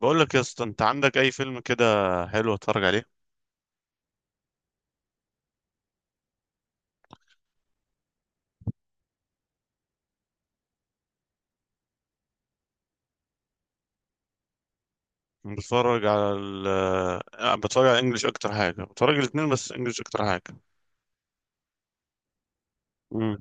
بقول لك يا اسطى، انت عندك اي فيلم كده حلو اتفرج عليه؟ أنا بتفرج على ال آه، بتفرج على انجلش. اكتر حاجه بتفرج الاثنين بس انجلش اكتر حاجه. امم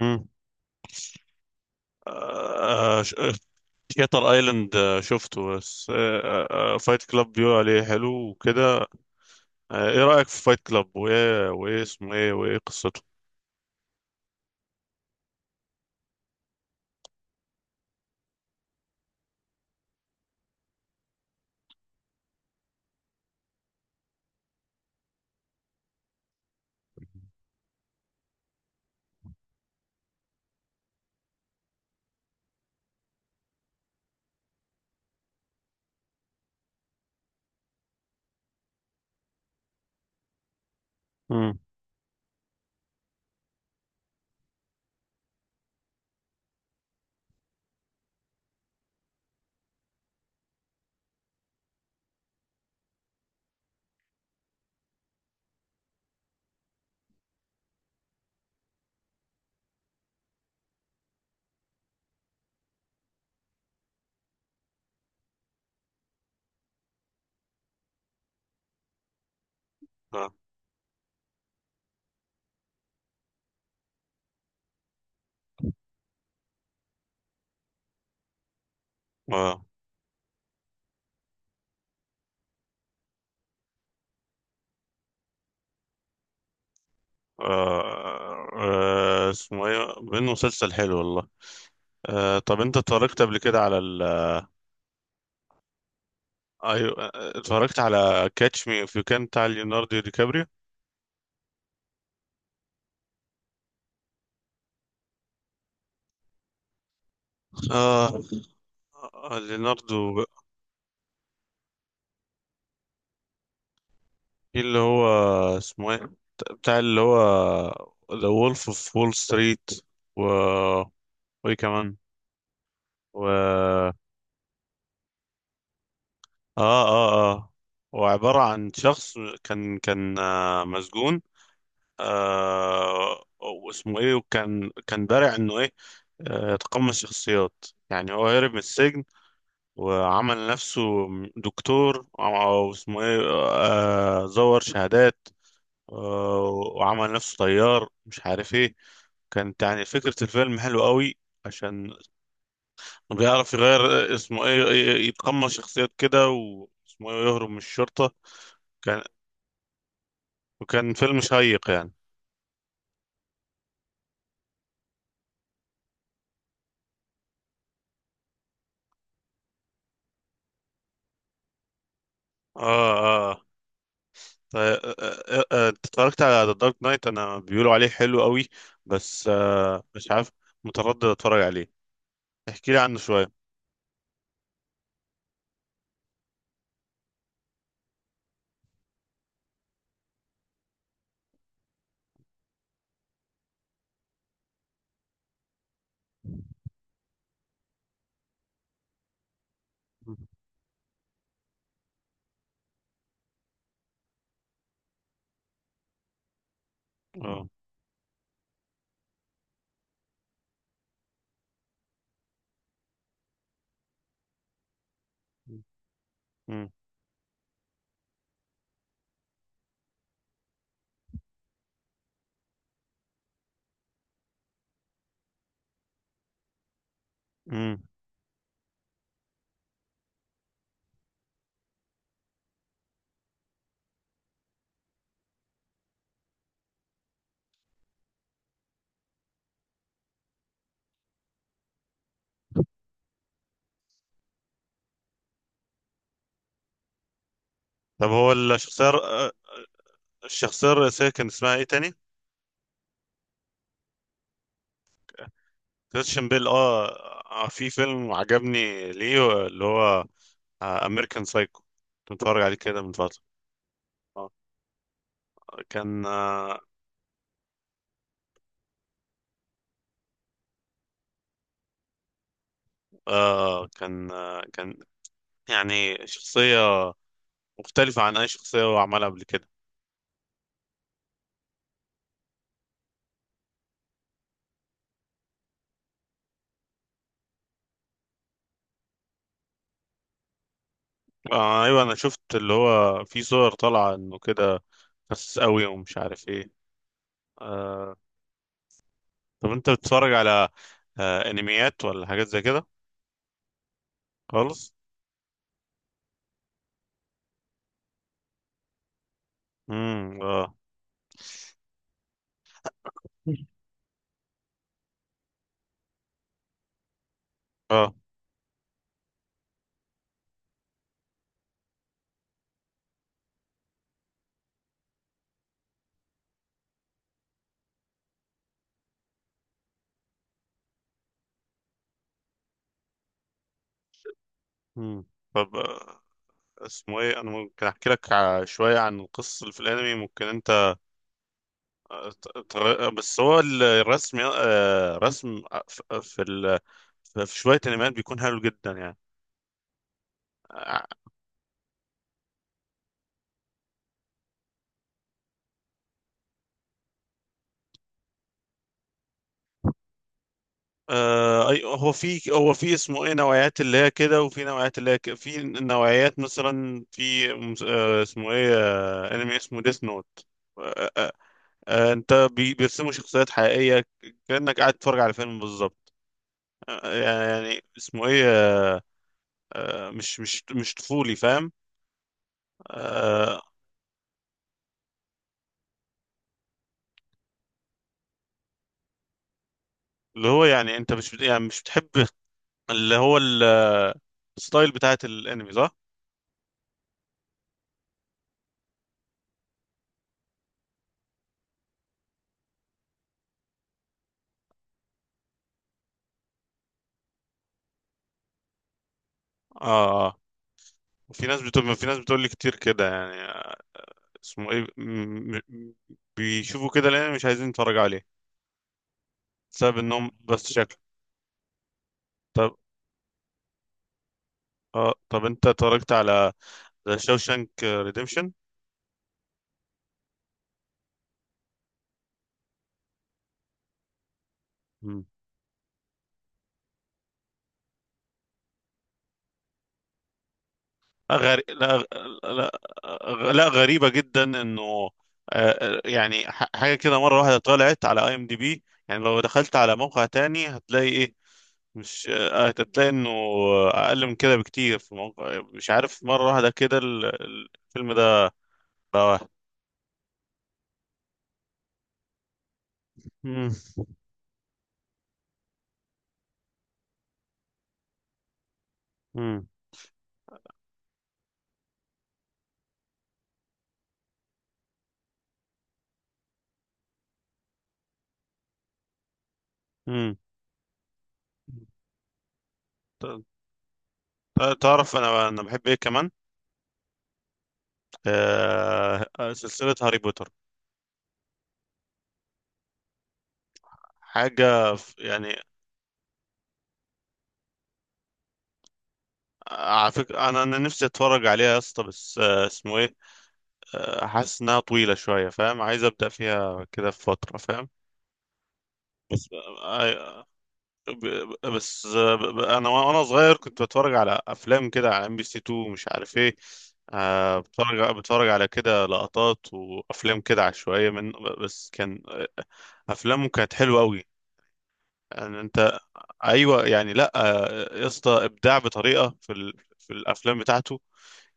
امم شاتر ايلاند شفته بس. فايت كلاب بيقولوا عليه حلو وكده. ايه رايك في فايت كلاب؟ وايه اسمه ايه؟ وايه قصته؟ امم اه. اه. اسمه ايه؟ بانه مسلسل حلو والله. طب انت اتفرجت قبل كده على ايوه، اتفرجت على كاتش مي اف يو كان بتاع ليوناردو دي كابريو. آه. آه، ليوناردو في اللي هو اسمه ايه؟ بتاع اللي هو ذا وولف اوف وول ستريت، و وايه كمان؟ و اه اه اه وعبارة عن شخص كان مسجون. آه، واسمه ايه؟ وكان بارع انه ايه؟ يتقمص شخصيات. يعني هو هرب من السجن وعمل نفسه دكتور او اسمه ايه، زور شهادات. آه، وعمل نفسه طيار مش عارف ايه. كانت يعني فكرة الفيلم حلوة قوي، عشان بيعرف يغير. اسمه ايه؟ يتقمص شخصيات كده، واسمه ايه، يهرب من الشرطة. كان وكان فيلم شيق يعني. اه اه. طيب انت اتفرجت على ذا دارك نايت؟ انا بيقولوا عليه حلو قوي، بس آه مش عارف، متردد اتفرج عليه، احكي لي عنه شوية. اه. مم. مم. طب هو الشخصية الرئيسية كان اسمها ايه تاني؟ كريستيان بيل، اه. في فيلم عجبني ليه، اللي هو امريكان سايكو، كنت بتفرج عليه كده من فترة. آه، كان آه كان يعني شخصية مختلفة عن أي شخصية هو عملها قبل كده. آه، أيوة، أنا شفت اللي هو في صور طالعة إنه كده خسس أوي ومش عارف إيه. آه. طب أنت بتتفرج على أنميات ولا حاجات زي كده؟ خالص؟ اه اه. امم طب اسمه ايه، انا ممكن احكي لك شويه عن القصه اللي في الانمي، ممكن انت بس هو الرسم، رسم ف- في ال في شويه انميات بيكون حلو جدا يعني. هو في اسمه ايه، نوعيات اللي هي كده وفي نوعيات اللي هي كده، في نوعيات مثلا في اسمه ايه، انمي اسمه ديث نوت. انت بيرسموا شخصيات حقيقية كأنك قاعد تتفرج على فيلم بالظبط. يعني اسمه ايه، مش طفولي، فاهم؟ آه، اللي هو يعني انت مش بت- يعني مش بتحب اللي هو الستايل بتاعت الانمي، صح؟ اه اه. في ناس، بتقول في ناس بتقول لي كتير كده يعني، اسمه ايه، بيشوفوا كده الانمي مش عايزين يتفرجوا عليه بسبب انهم بس شكل. طب اه، طب انت اتفرجت على ذا شوشانك ريديمشن؟ غري... لا... لا... لا، غريبة جدا انه يعني حاجة كده مرة واحدة طلعت على اي ام دي بي، يعني لو دخلت على موقع تاني هتلاقي ايه؟ مش هتلاقي انه اقل من كده بكتير في الموقع، مش عارف مرة واحدة كده الفيلم ده بقى واحد. مم. مم. مم. ت- تعرف انا، بحب ايه كمان؟ سلسلة هاري بوتر حاجة يعني. على فكرة انا، نفسي اتفرج عليها يا اسطى، بس اسمه ايه، حاسس انها طويلة شوية، فاهم؟ عايز ابدأ فيها كده في فترة، فاهم؟ بس انا وانا صغير كنت بتفرج على افلام كده على ام بي سي 2، مش عارف ايه، بتفرج على كده لقطات وافلام كده عشوائية من. بس كان افلامه كانت حلوة قوي يعني. انت ايوه يعني، لا يا اسطى ابداع بطريقة في ال... في الافلام بتاعته.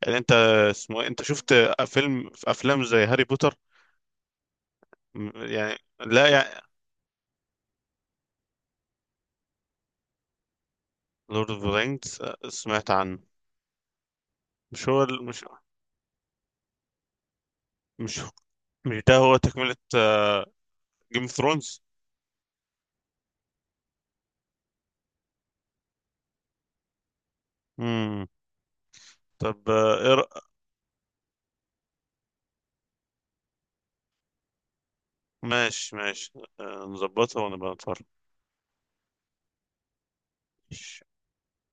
يعني انت اسمه إيه؟ انت شفت فيلم، في افلام زي هاري بوتر، يعني لا يعني لورد اوف ذا رينجز؟ سمعت عنه. مش هو ال... مش مش ده هو تكملة جيم اوف ثرونز؟ امم. طب إيه ماشي ماشي. نظبطها ونبقى نتفرج.